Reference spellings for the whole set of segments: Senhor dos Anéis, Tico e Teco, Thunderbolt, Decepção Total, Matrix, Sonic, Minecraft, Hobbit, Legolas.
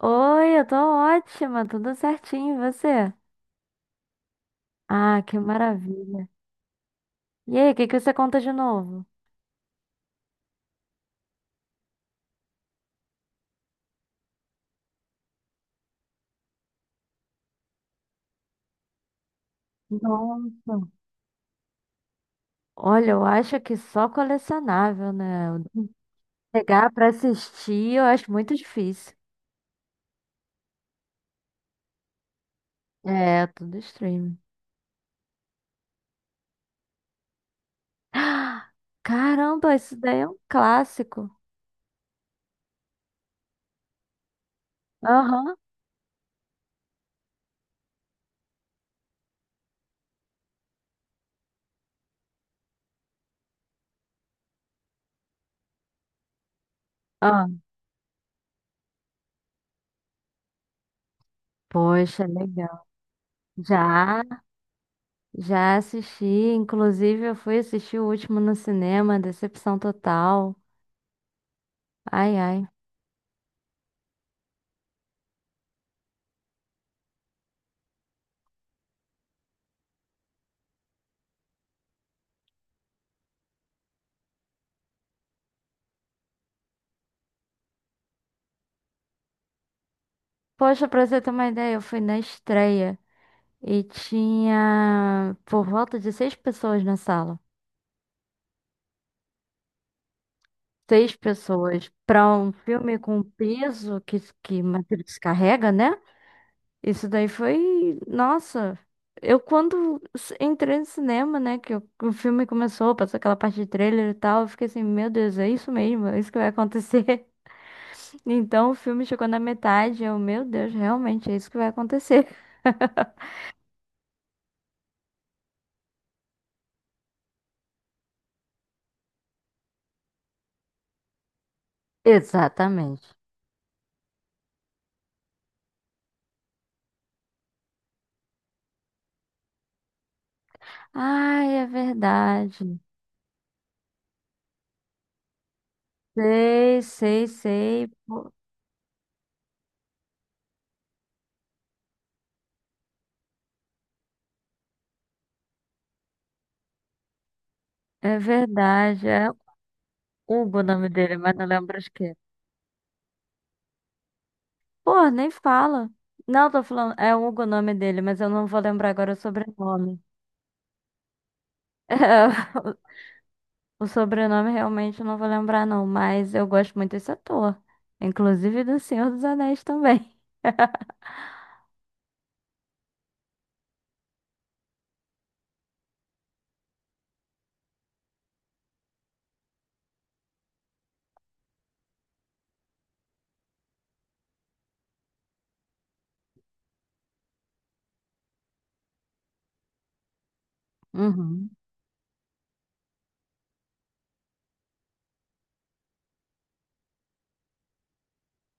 Oi, eu tô ótima, tudo certinho, e você? Ah, que maravilha. E aí, o que que você conta de novo? Nossa. Olha, eu acho que só colecionável, né? Pegar pra assistir, eu acho muito difícil. É, tudo streaming. Ah, caramba, isso daí é um clássico. Aham. Ah, poxa, legal. Já, já assisti, inclusive eu fui assistir o último no cinema, Decepção Total. Ai, ai. Poxa, pra você ter uma ideia, eu fui na estreia e tinha por volta de seis pessoas na sala. Seis pessoas pra um filme com o peso que Matrix carrega, né? Isso daí foi. Nossa! Eu, quando entrei no cinema, né, que o filme começou, passou aquela parte de trailer e tal, eu fiquei assim: meu Deus, é isso mesmo, é isso que vai acontecer. Então o filme chegou na metade, eu, meu Deus, realmente é isso que vai acontecer. Exatamente. Ai, é verdade. Sei, sei, sei. Pô, é verdade. É Hugo o nome dele, mas não lembro de quê. Pô, nem fala. Não, tô falando. É Hugo o nome dele, mas eu não vou lembrar agora o sobrenome. É, o sobrenome realmente eu não vou lembrar, não. Mas eu gosto muito desse ator. Inclusive do Senhor dos Anéis também. Uhum.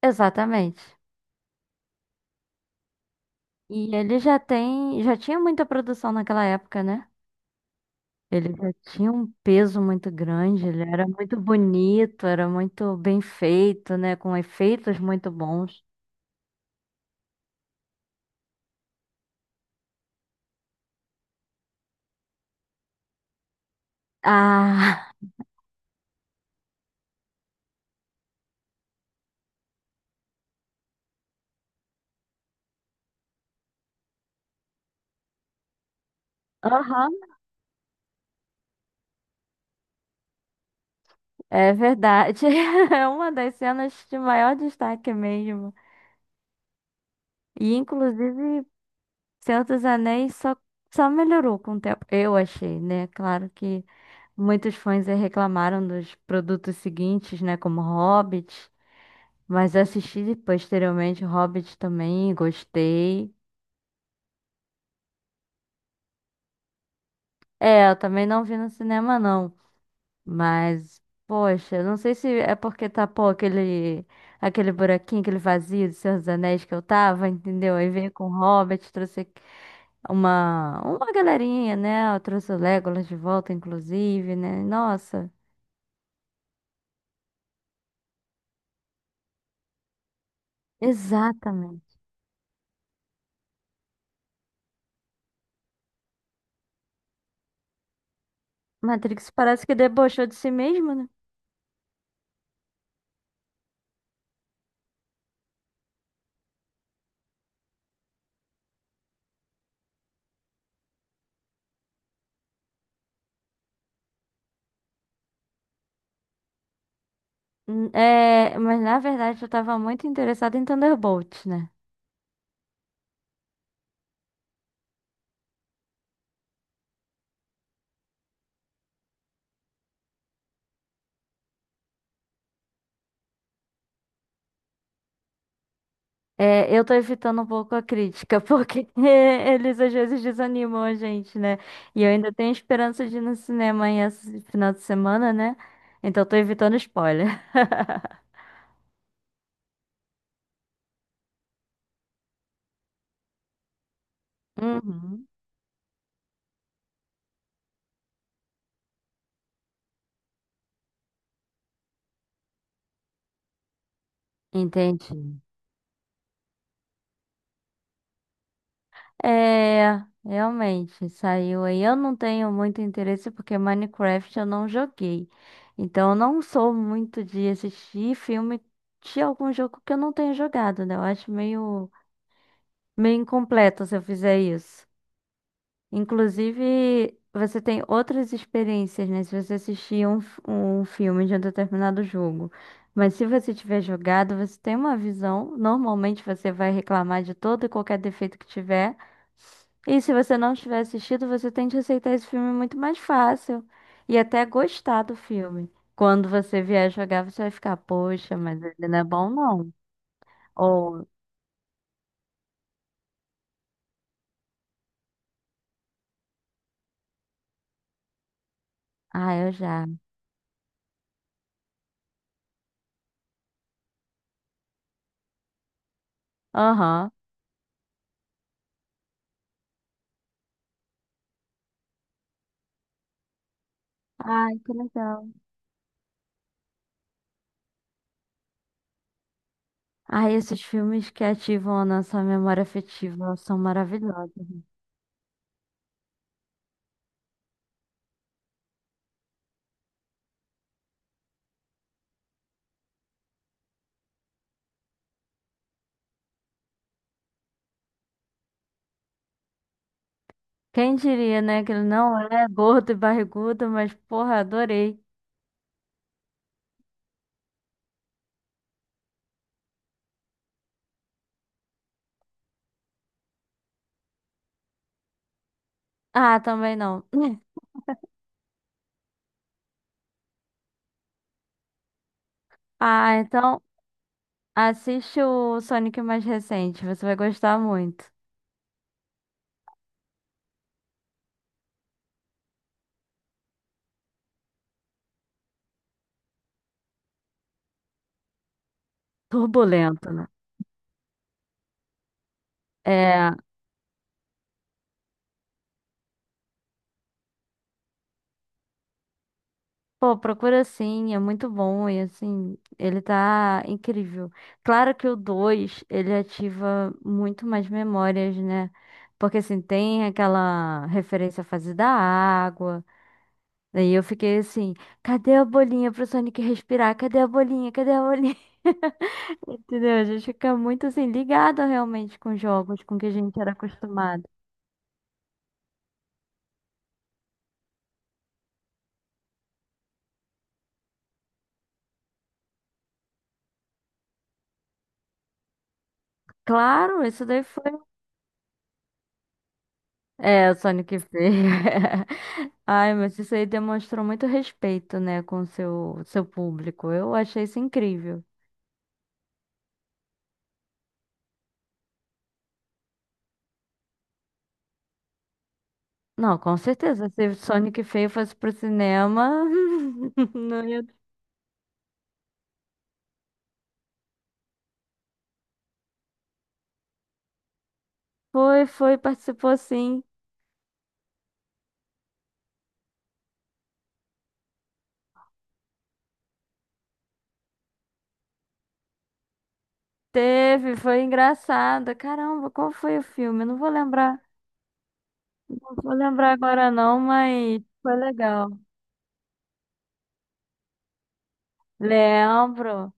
Exatamente. E ele já tem. Já tinha muita produção naquela época, né? Ele já tinha um peso muito grande, ele era muito bonito, era muito bem feito, né? Com efeitos muito bons. Ah, aham, é verdade. É uma das cenas de maior destaque mesmo. E, inclusive, Senhor dos Anéis só melhorou com o tempo, eu achei, né? Claro que muitos fãs aí reclamaram dos produtos seguintes, né? Como Hobbit, mas assisti posteriormente Hobbit também, gostei. É, eu também não vi no cinema, não. Mas, poxa, não sei se é porque tapou aquele, aquele buraquinho, aquele vazio do Senhor dos Anéis que eu tava, entendeu? Aí veio com o Hobbit, trouxe uma galerinha, né? Eu trouxe o Legolas de volta, inclusive, né? Nossa, exatamente. Matrix parece que debochou de si mesmo, né? É, mas na verdade eu tava muito interessada em Thunderbolt, né? É, eu tô evitando um pouco a crítica, porque eles às vezes desanimam a gente, né? E eu ainda tenho esperança de ir no cinema aí esse final de semana, né? Então eu tô evitando spoiler. Uhum. Entendi. É, realmente, saiu aí. Eu não tenho muito interesse porque Minecraft eu não joguei. Então eu não sou muito de assistir filme de algum jogo que eu não tenho jogado, né? Eu acho meio incompleto se eu fizer isso. Inclusive, você tem outras experiências, né? Se você assistir um filme de um determinado jogo. Mas se você tiver jogado, você tem uma visão. Normalmente você vai reclamar de todo e qualquer defeito que tiver. E se você não tiver assistido, você tende a aceitar esse filme muito mais fácil. E até gostar do filme. Quando você vier jogar, você vai ficar, poxa, mas ele não é bom, não. Ou, ah, eu já. Aham. Ai, que legal. Ah, esses filmes que ativam a nossa memória afetiva são maravilhosos. Quem diria, né, que ele não é gordo e barrigudo, mas porra, adorei. Ah, também não. Ah, então assiste o Sonic mais recente, você vai gostar muito. Turbulento, né? É. Pô, procura sim, é muito bom e assim, ele tá incrível. Claro que o 2 ele ativa muito mais memórias, né? Porque assim, tem aquela referência à fase da água. Daí eu fiquei assim, cadê a bolinha pro Sonic respirar? Cadê a bolinha? Cadê a bolinha? Entendeu? A gente fica muito assim, ligado realmente com jogos, com o que a gente era acostumado. Claro, isso daí foi. É, o Sonic Feio. Ai, mas isso aí demonstrou muito respeito, né, com o seu público. Eu achei isso incrível. Não, com certeza. Se o Sonic Feio fosse pro cinema, não ia... Foi, foi, participou sim. Teve, foi engraçado. Caramba, qual foi o filme? Eu não vou lembrar. Não vou lembrar agora não, mas foi legal. Lembro.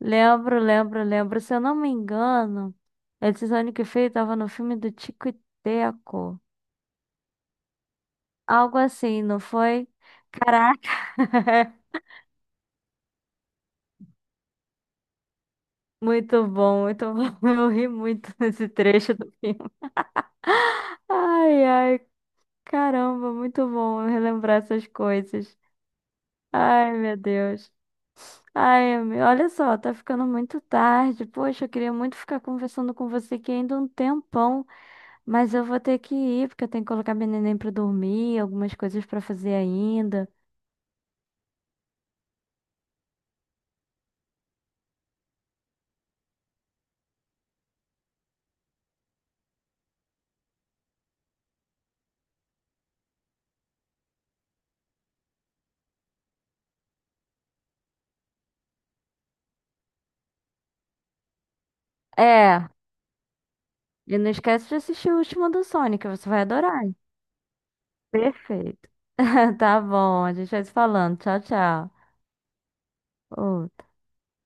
Lembro, lembro, lembro. Se eu não me engano, esse Sonic feio tava no filme do Tico e Teco. Algo assim, não foi? Caraca! Muito bom, muito bom. Eu ri muito nesse trecho do filme. Ai, ai, caramba, muito bom eu relembrar essas coisas. Ai, meu Deus. Ai, olha só, tá ficando muito tarde. Poxa, eu queria muito ficar conversando com você aqui ainda um tempão. Mas eu vou ter que ir, porque eu tenho que colocar meu neném pra dormir, algumas coisas pra fazer ainda. É, e não esquece de assistir o último do Sonic, você vai adorar. Perfeito. Tá bom, a gente vai se falando. Tchau, tchau. Ô,